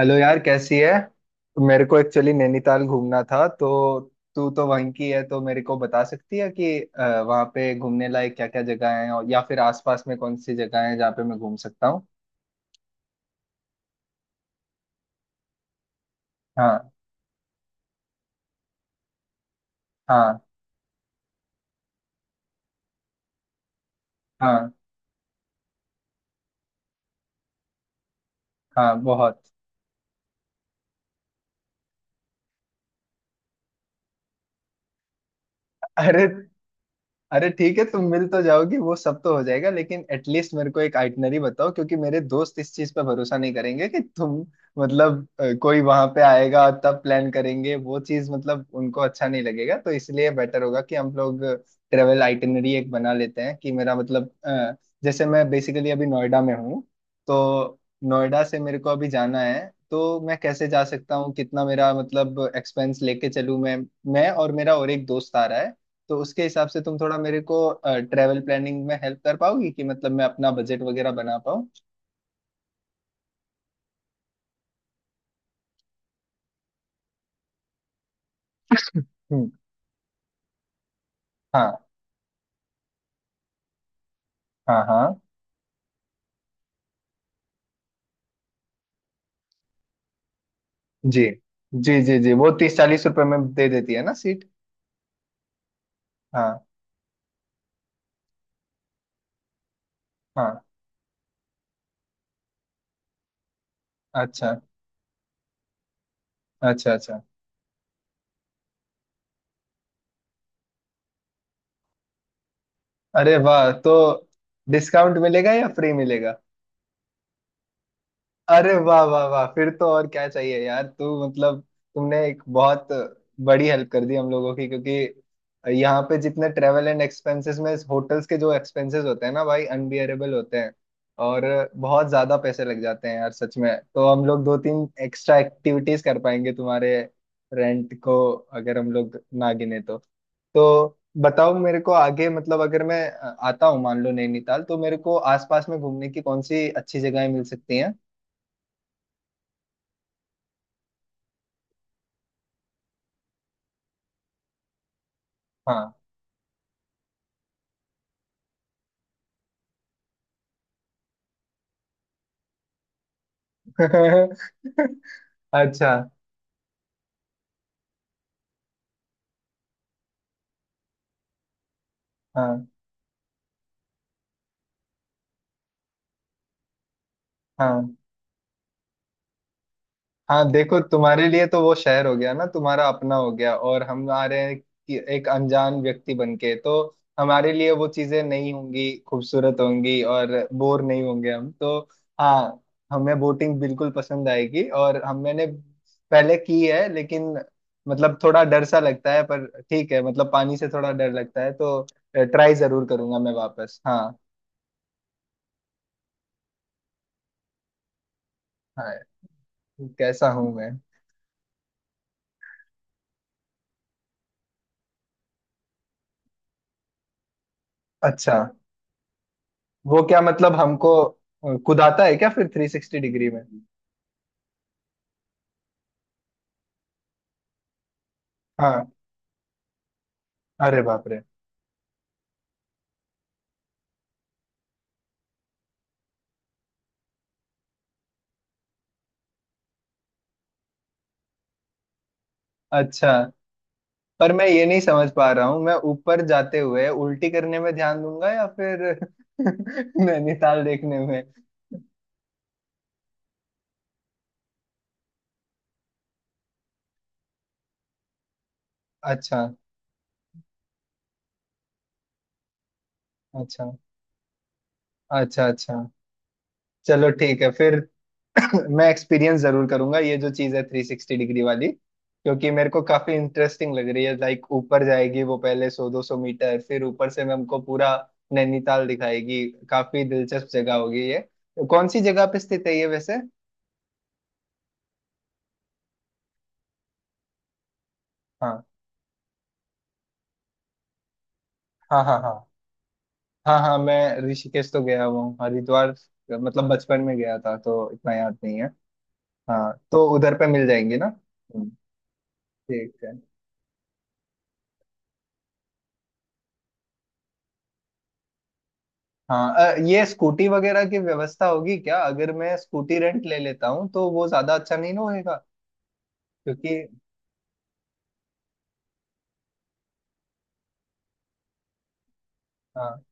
Hello यार, कैसी है। मेरे को एक्चुअली नैनीताल घूमना था तो तू तो वहीं की है तो मेरे को बता सकती है कि वहाँ पे घूमने लायक क्या क्या जगह है और या फिर आसपास में कौन सी जगह है जहाँ पे मैं घूम सकता हूँ। हाँ। हाँ। हाँ। हाँ बहुत। अरे, अरे ठीक है, तुम मिल तो जाओगी, वो सब तो हो जाएगा, लेकिन एटलीस्ट मेरे को एक आइटनरी बताओ क्योंकि मेरे दोस्त इस चीज पे भरोसा नहीं करेंगे कि तुम मतलब कोई वहां पे आएगा तब प्लान करेंगे, वो चीज मतलब उनको अच्छा नहीं लगेगा तो इसलिए बेटर होगा कि हम लोग ट्रेवल आइटनरी एक बना लेते हैं कि मेरा मतलब जैसे मैं बेसिकली अभी नोएडा में हूँ। तो नोएडा से मेरे को अभी जाना है तो मैं कैसे जा सकता हूँ, कितना मेरा मतलब एक्सपेंस लेके चलूँ मैं। मैं और मेरा और एक दोस्त आ रहा है तो उसके हिसाब से तुम थोड़ा मेरे को ट्रेवल प्लानिंग में हेल्प कर पाओगी कि मतलब मैं अपना बजट वगैरह बना पाऊँ। हम्म, हाँ। हाँ। हाँ। जी जी जी जी, वो 30 40 रुपए में दे देती है ना सीट। हाँ। हाँ। अच्छा। अच्छा अच्छा। अरे वाह। तो डिस्काउंट मिलेगा या फ्री मिलेगा? अरे वाह वाह वाह, फिर तो और क्या चाहिए यार, तू मतलब तुमने एक बहुत बड़ी हेल्प कर दी हम लोगों की, क्योंकि यहाँ पे जितने ट्रेवल एंड एक्सपेंसेस में होटल्स के जो एक्सपेंसेस होते हैं ना भाई अनबियरेबल होते हैं। और बहुत ज्यादा पैसे लग जाते हैं यार सच में, तो हम लोग दो तीन एक्स्ट्रा एक्टिविटीज कर पाएंगे तुम्हारे रेंट को अगर हम लोग ना गिने तो। तो बताओ मेरे को आगे, मतलब अगर मैं आता हूँ मान लो नैनीताल, तो मेरे को आसपास में घूमने की कौन सी अच्छी जगहें मिल सकती हैं? हाँ। अच्छा। हाँ। हाँ। हाँ देखो, तुम्हारे लिए तो वो शहर हो गया ना, तुम्हारा अपना हो गया, और हम आ रहे हैं कि एक अनजान व्यक्ति बन के, तो हमारे लिए वो चीजें नहीं होंगी, खूबसूरत होंगी और बोर नहीं होंगे हम तो। हाँ। हमें बोटिंग बिल्कुल पसंद आएगी, और हम मैंने पहले की है लेकिन मतलब थोड़ा डर सा लगता है, पर ठीक है, मतलब पानी से थोड़ा डर लगता है तो ट्राई जरूर करूंगा मैं वापस। हाँ। हाँ। कैसा हूँ मैं? अच्छा। वो क्या मतलब हमको कुदाता है क्या फिर थ्री सिक्सटी डिग्री में? हाँ। अरे बाप रे। अच्छा। पर मैं ये नहीं समझ पा रहा हूँ, मैं ऊपर जाते हुए उल्टी करने में ध्यान दूंगा या फिर नैनीताल देखने में? अच्छा। अच्छा अच्छा। अच्छा। चलो ठीक है फिर। मैं एक्सपीरियंस जरूर करूंगा ये जो चीज है थ्री सिक्सटी डिग्री वाली, क्योंकि मेरे को काफी इंटरेस्टिंग लग रही है, लाइक ऊपर जाएगी वो पहले 100 200 मीटर फिर ऊपर से मैं हमको पूरा नैनीताल दिखाएगी। काफी दिलचस्प जगह होगी ये। कौन सी जगह पे स्थित है ये वैसे? हाँ। हाँ। हाँ। हाँ। हाँ। हाँ मैं ऋषिकेश तो गया हुआ हूँ, हरिद्वार मतलब बचपन में गया था तो इतना याद नहीं है। हाँ तो उधर पे मिल जाएंगी ना। ठीक है। हाँ, ये स्कूटी वगैरह की व्यवस्था होगी क्या? अगर मैं स्कूटी रेंट ले लेता हूँ तो वो ज्यादा अच्छा नहीं ना होएगा? क्योंकि हाँ।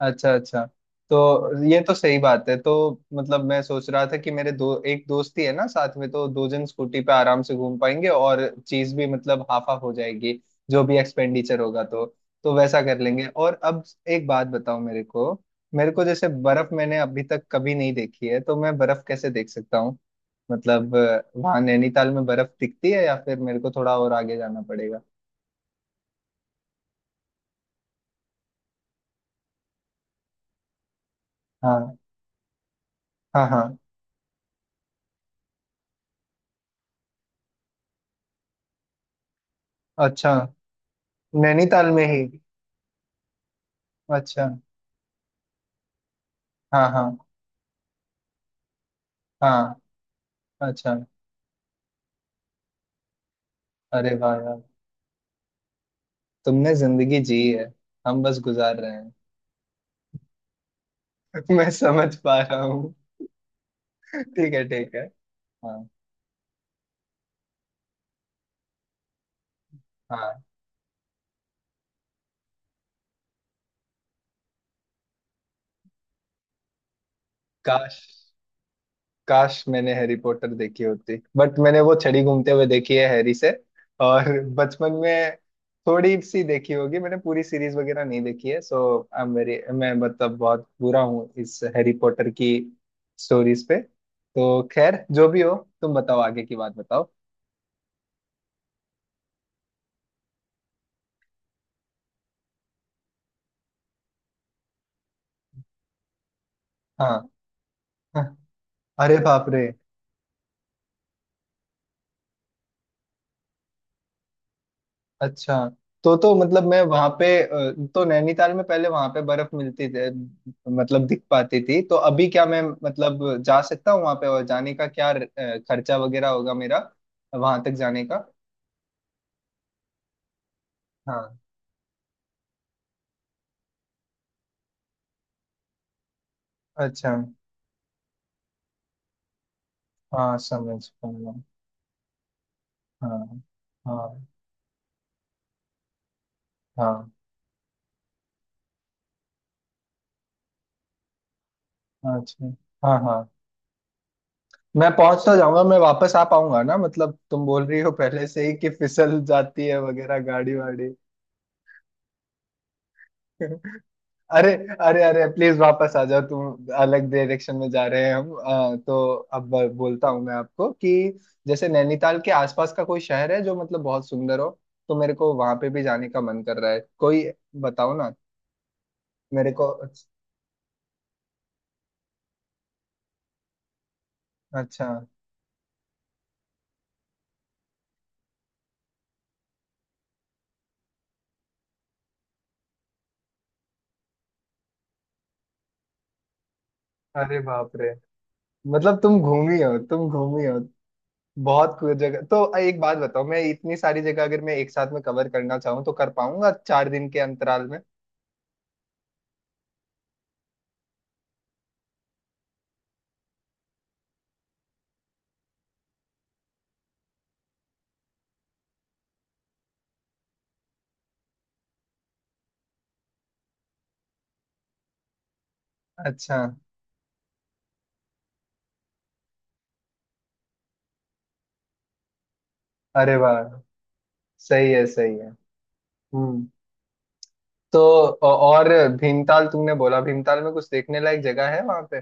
अच्छा अच्छा। तो ये तो सही बात है, तो मतलब मैं सोच रहा था कि मेरे दो एक दोस्त ही है ना साथ में, तो दो जन स्कूटी पे आराम से घूम पाएंगे और चीज भी मतलब हाफ हाफ हो जाएगी जो भी एक्सपेंडिचर होगा तो। तो वैसा कर लेंगे। और अब एक बात बताओ मेरे को। मेरे को जैसे बर्फ मैंने अभी तक कभी नहीं देखी है तो मैं बर्फ कैसे देख सकता, मतलब वहां नैनीताल में बर्फ दिखती है या फिर मेरे को थोड़ा और आगे जाना पड़ेगा? हाँ। हाँ। हाँ। अच्छा। नैनीताल में ही? अच्छा। हाँ। हाँ। हाँ। अच्छा। अरे वाह यार, तुमने जिंदगी जी है, हम बस गुजार रहे हैं। मैं समझ पा रहा हूँ। ठीक है ठीक है। हाँ। हाँ। काश, काश मैंने हैरी पॉटर देखी होती, बट मैंने वो छड़ी घूमते हुए देखी है हैरी से, और बचपन में थोड़ी सी देखी होगी। मैंने पूरी सीरीज वगैरह नहीं देखी है, सो आई एम वेरी, मैं मतलब बहुत बुरा हूँ इस हैरी पॉटर की स्टोरीज पे, तो खैर जो भी हो। तुम बताओ, आगे की बात बताओ। हाँ। हाँ। अरे बाप रे। अच्छा, तो मतलब मैं वहां पे तो नैनीताल में पहले वहां पे बर्फ मिलती थी मतलब दिख पाती थी? तो अभी क्या मैं मतलब जा सकता हूँ वहां पे, और जाने का क्या खर्चा वगैरह होगा मेरा वहां तक जाने का? हाँ। अच्छा। हाँ, समझ पाऊंगा। हाँ। हाँ। हाँ। अच्छा। हाँ। हाँ मैं पहुंच तो जाऊंगा, मैं वापस आ पाऊंगा ना? मतलब तुम बोल रही हो पहले से ही कि फिसल जाती है वगैरह गाड़ी वाड़ी। अरे, अरे, अरे प्लीज वापस आ जाओ, तुम अलग डायरेक्शन में जा रहे हैं हम। तो अब बोलता हूँ मैं आपको कि जैसे नैनीताल के आसपास का कोई शहर है जो मतलब बहुत सुंदर हो, तो मेरे को वहां पे भी जाने का मन कर रहा है, कोई बताओ ना। मेरे को अच्छा। अरे बाप रे। मतलब तुम घूमी हो, तुम घूमी हो बहुत कुछ जगह। तो एक बात बताओ, मैं इतनी सारी जगह अगर मैं एक साथ में कवर करना चाहूँ तो कर पाऊंगा 4 दिन के अंतराल में? अच्छा। अरे वाह, सही है सही है। हम्म। तो और भीमताल, तुमने बोला भीमताल में कुछ देखने लायक जगह है वहां पे?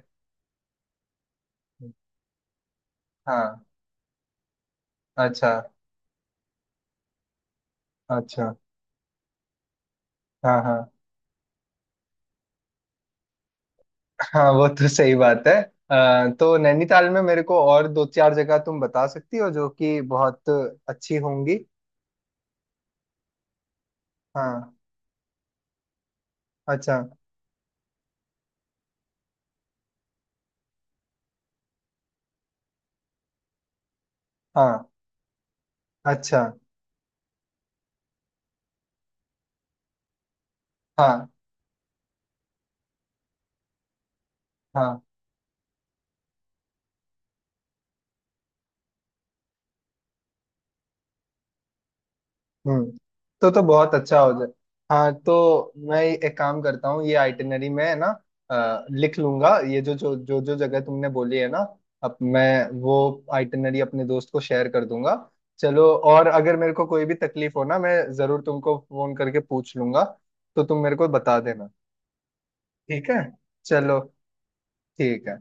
हाँ। अच्छा अच्छा। हाँ हाँ हाँ वो तो सही बात है। तो नैनीताल में मेरे को और दो चार जगह तुम बता सकती हो जो कि बहुत अच्छी होंगी? हाँ। अच्छा। हाँ। अच्छा। हाँ। हाँ। हम्म। तो बहुत अच्छा हो जाए। हाँ, तो मैं एक काम करता हूँ, ये आइटिनरी में ना लिख लूंगा ये जो जो जो जो जगह तुमने बोली है ना, अब मैं वो आइटिनरी अपने दोस्त को शेयर कर दूंगा। चलो, और अगर मेरे को कोई भी तकलीफ हो ना, मैं जरूर तुमको फोन करके पूछ लूंगा, तो तुम मेरे को बता देना। ठीक है। चलो। ठीक है।